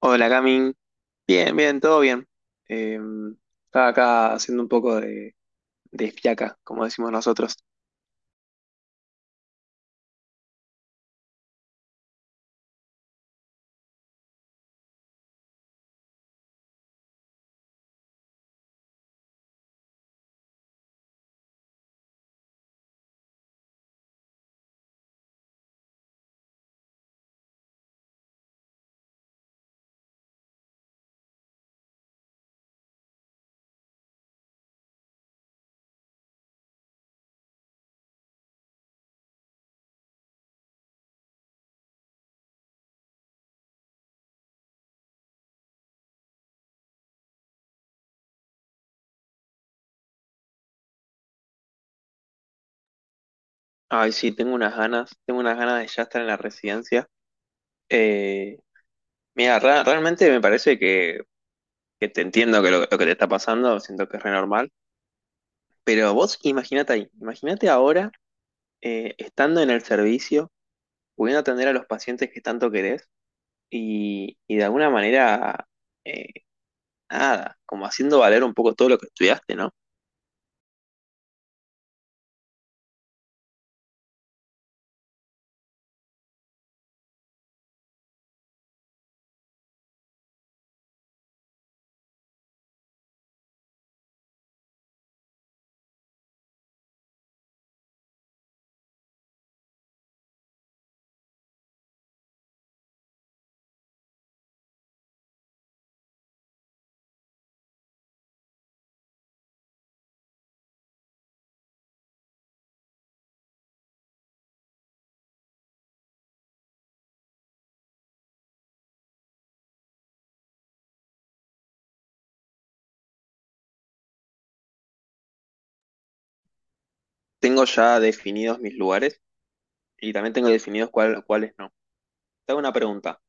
Hola, Camin. Bien, bien, todo bien. Eh, Estaba acá haciendo un poco de fiaca, como decimos nosotros. Ay, sí, tengo unas ganas de ya estar en la residencia. Eh, Mira, realmente me parece que te entiendo que lo que te está pasando, siento que es re normal. Pero vos imagínate ahí, imagínate ahora estando en el servicio, pudiendo atender a los pacientes que tanto querés y de alguna manera, eh, nada, como haciendo valer un poco todo lo que estudiaste, ¿no? Tengo ya definidos mis lugares y también tengo definidos cuáles no. Te hago una pregunta.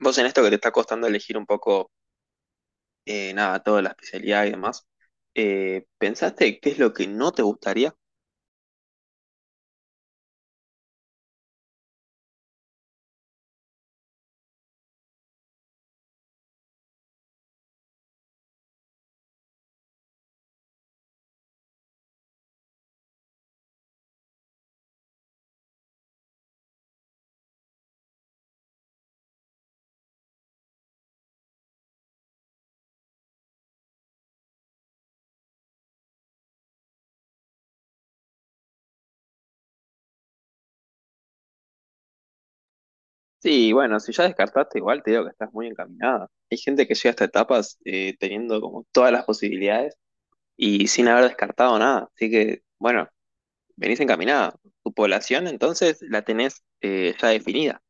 Vos en esto que te está costando elegir un poco, nada, toda la especialidad y demás, ¿pensaste qué es lo que no te gustaría? Sí, bueno, si ya descartaste igual, te digo que estás muy encaminada. Hay gente que llega a estas etapas teniendo como todas las posibilidades y sin haber descartado nada. Así que, bueno, venís encaminada. Tu población entonces la tenés ya definida.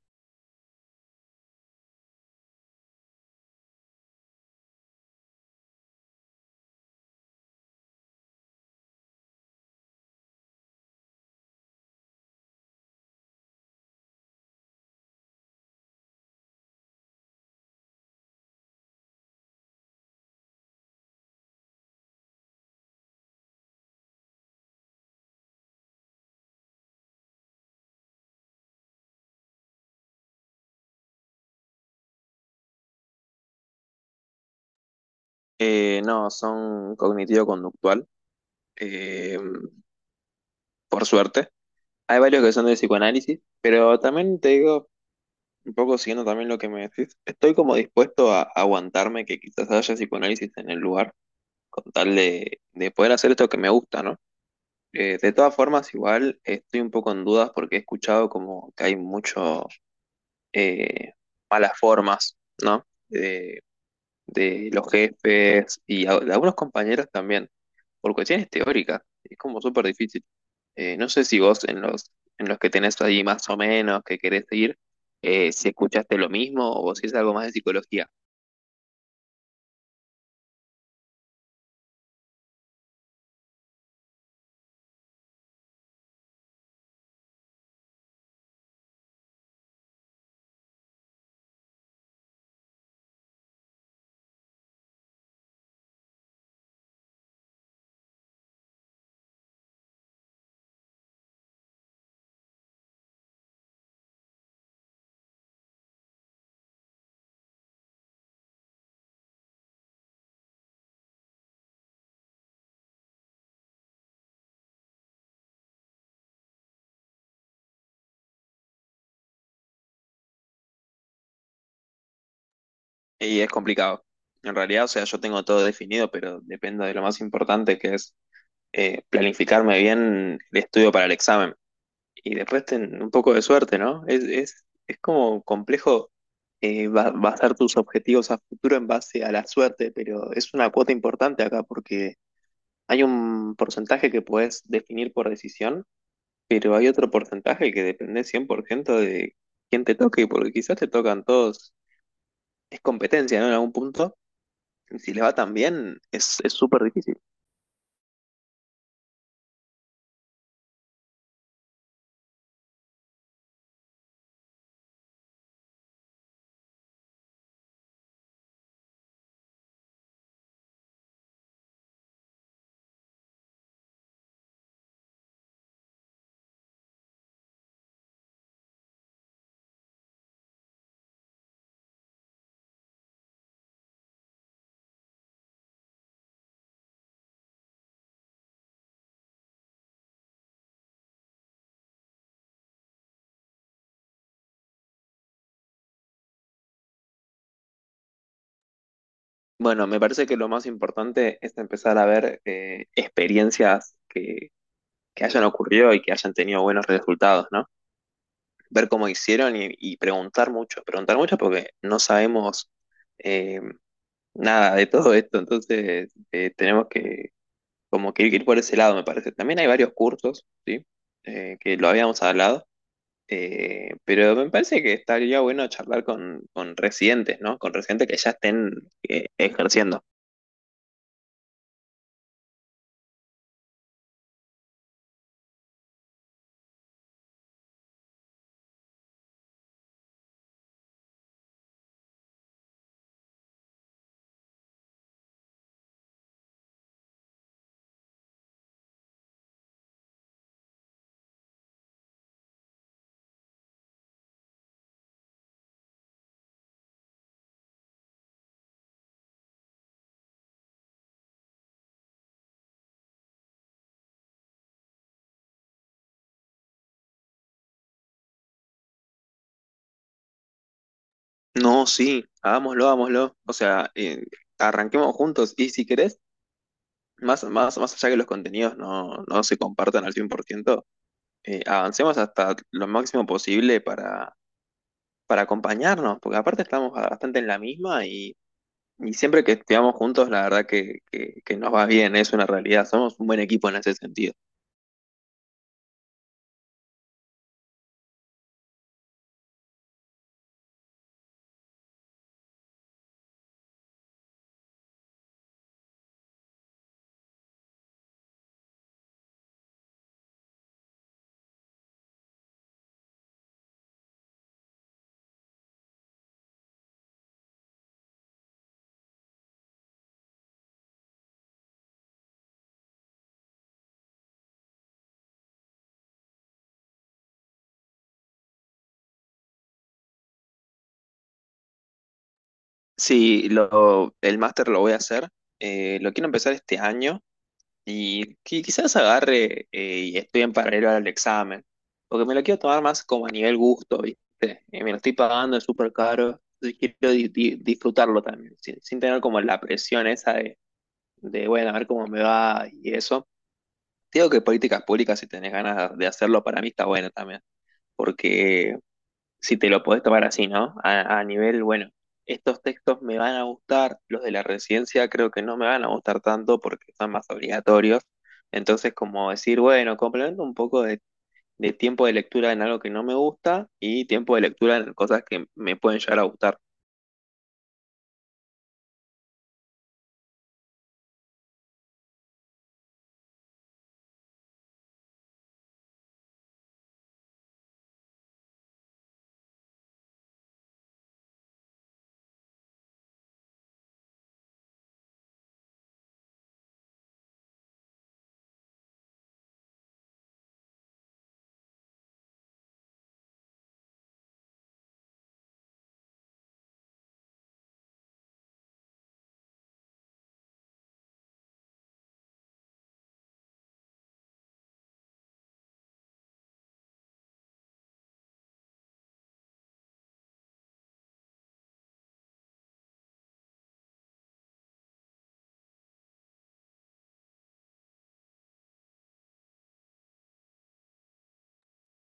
No, son cognitivo-conductual. Eh, por suerte. Hay varios que son de psicoanálisis, pero también te digo, un poco siguiendo también lo que me decís, estoy como dispuesto a aguantarme que quizás haya psicoanálisis en el lugar, con tal de poder hacer esto que me gusta, ¿no? De todas formas, igual estoy un poco en dudas porque he escuchado como que hay mucho eh, malas formas, ¿no? De los jefes y de algunos compañeros también, por cuestiones teóricas. Es como súper difícil. No sé si vos en en los que tenés ahí más o menos que querés seguir, si escuchaste lo mismo o si es algo más de psicología. Y es complicado. En realidad, o sea, yo tengo todo definido, pero dependo de lo más importante que es planificarme bien el estudio para el examen. Y después ten un poco de suerte, ¿no? Es como complejo basar tus objetivos a futuro en base a la suerte, pero es una cuota importante acá porque hay un porcentaje que puedes definir por decisión. Pero hay otro porcentaje que depende 100% de quién te toque, porque quizás te tocan todos. Es competencia, ¿no? En algún punto. Y si les va tan bien, es súper difícil. Bueno, me parece que lo más importante es empezar a ver experiencias que hayan ocurrido y que hayan tenido buenos resultados, ¿no? Ver cómo hicieron y preguntar mucho. Preguntar mucho porque no sabemos eh, nada de todo esto, entonces tenemos que. Como que ir por ese lado, me parece. También hay varios cursos, ¿sí? Que lo habíamos hablado, pero me parece que estaría bueno charlar con residentes, ¿no? Con residentes que ya estén ejerciendo. No, sí, hagámoslo, hagámoslo. O sea, arranquemos juntos y si querés, más allá que los contenidos no se compartan al 100%, avancemos hasta lo máximo posible para acompañarnos, porque aparte estamos bastante en la misma. Y siempre que estudiamos juntos, la verdad que nos va bien, es una realidad. Somos un buen equipo en ese sentido. Sí, el máster lo voy a hacer. Eh, lo quiero empezar este año y quizás agarre y estudie en paralelo al examen. Porque me lo quiero tomar más como a nivel gusto, ¿viste? Y me lo estoy pagando, es súper caro. Y quiero disfrutarlo también, sin tener como la presión esa de, bueno, a ver cómo me va y eso. Te digo que políticas públicas, si tenés ganas de hacerlo, para mí está bueno también porque si te lo podés tomar así, ¿no? A nivel, bueno, estos textos me van a gustar, los de la residencia creo que no me van a gustar tanto porque son más obligatorios. Entonces, como decir, bueno, complemento un poco de tiempo de lectura en algo que no me gusta y tiempo de lectura en cosas que me pueden llegar a gustar.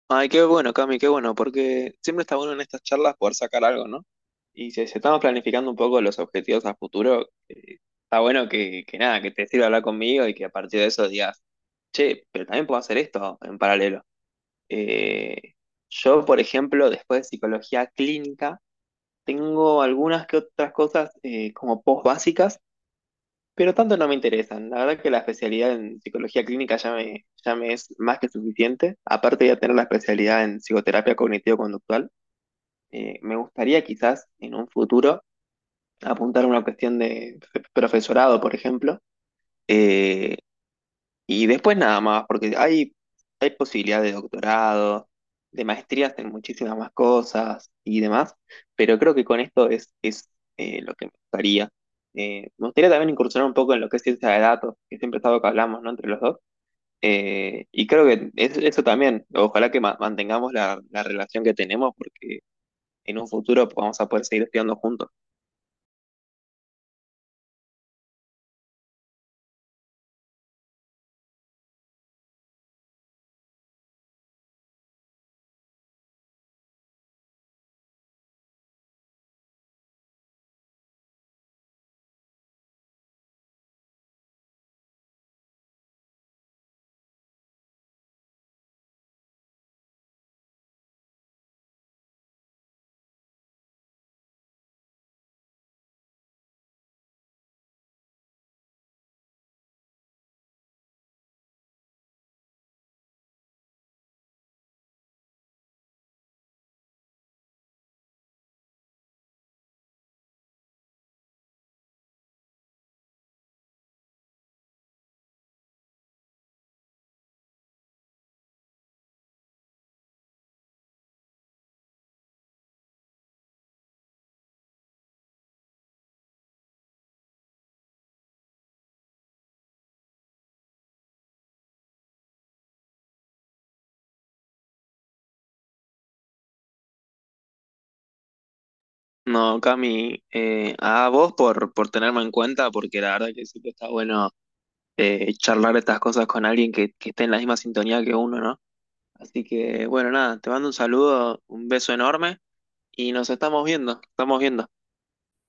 Ay, qué bueno, Cami, qué bueno, porque siempre está bueno en estas charlas poder sacar algo, ¿no? Y si, si estamos planificando un poco los objetivos a futuro, está bueno que nada, que te sirva hablar conmigo y que a partir de eso digas, che, pero también puedo hacer esto en paralelo. Eh, yo, por ejemplo, después de psicología clínica, tengo algunas que otras cosas como post básicas, pero tanto no me interesan. La verdad que la especialidad en psicología clínica ya me es más que suficiente. Aparte de tener la especialidad en psicoterapia cognitivo-conductual, me gustaría quizás en un futuro apuntar a una cuestión de profesorado, por ejemplo. Eh, Y después nada más, porque hay posibilidades de doctorado, de maestrías en muchísimas más cosas y demás, pero creo que con esto es lo que me gustaría. Me gustaría también incursionar un poco en lo que es ciencia de datos, que siempre es algo que hablamos, ¿no? Entre los dos. Y creo que eso también, ojalá que mantengamos la relación que tenemos, porque en un futuro vamos a poder seguir estudiando juntos. No, Cami, a vos por tenerme en cuenta, porque la verdad que siempre está bueno charlar estas cosas con alguien que esté en la misma sintonía que uno, ¿no? Así que, bueno, nada, te mando un saludo, un beso enorme y nos estamos viendo, estamos viendo.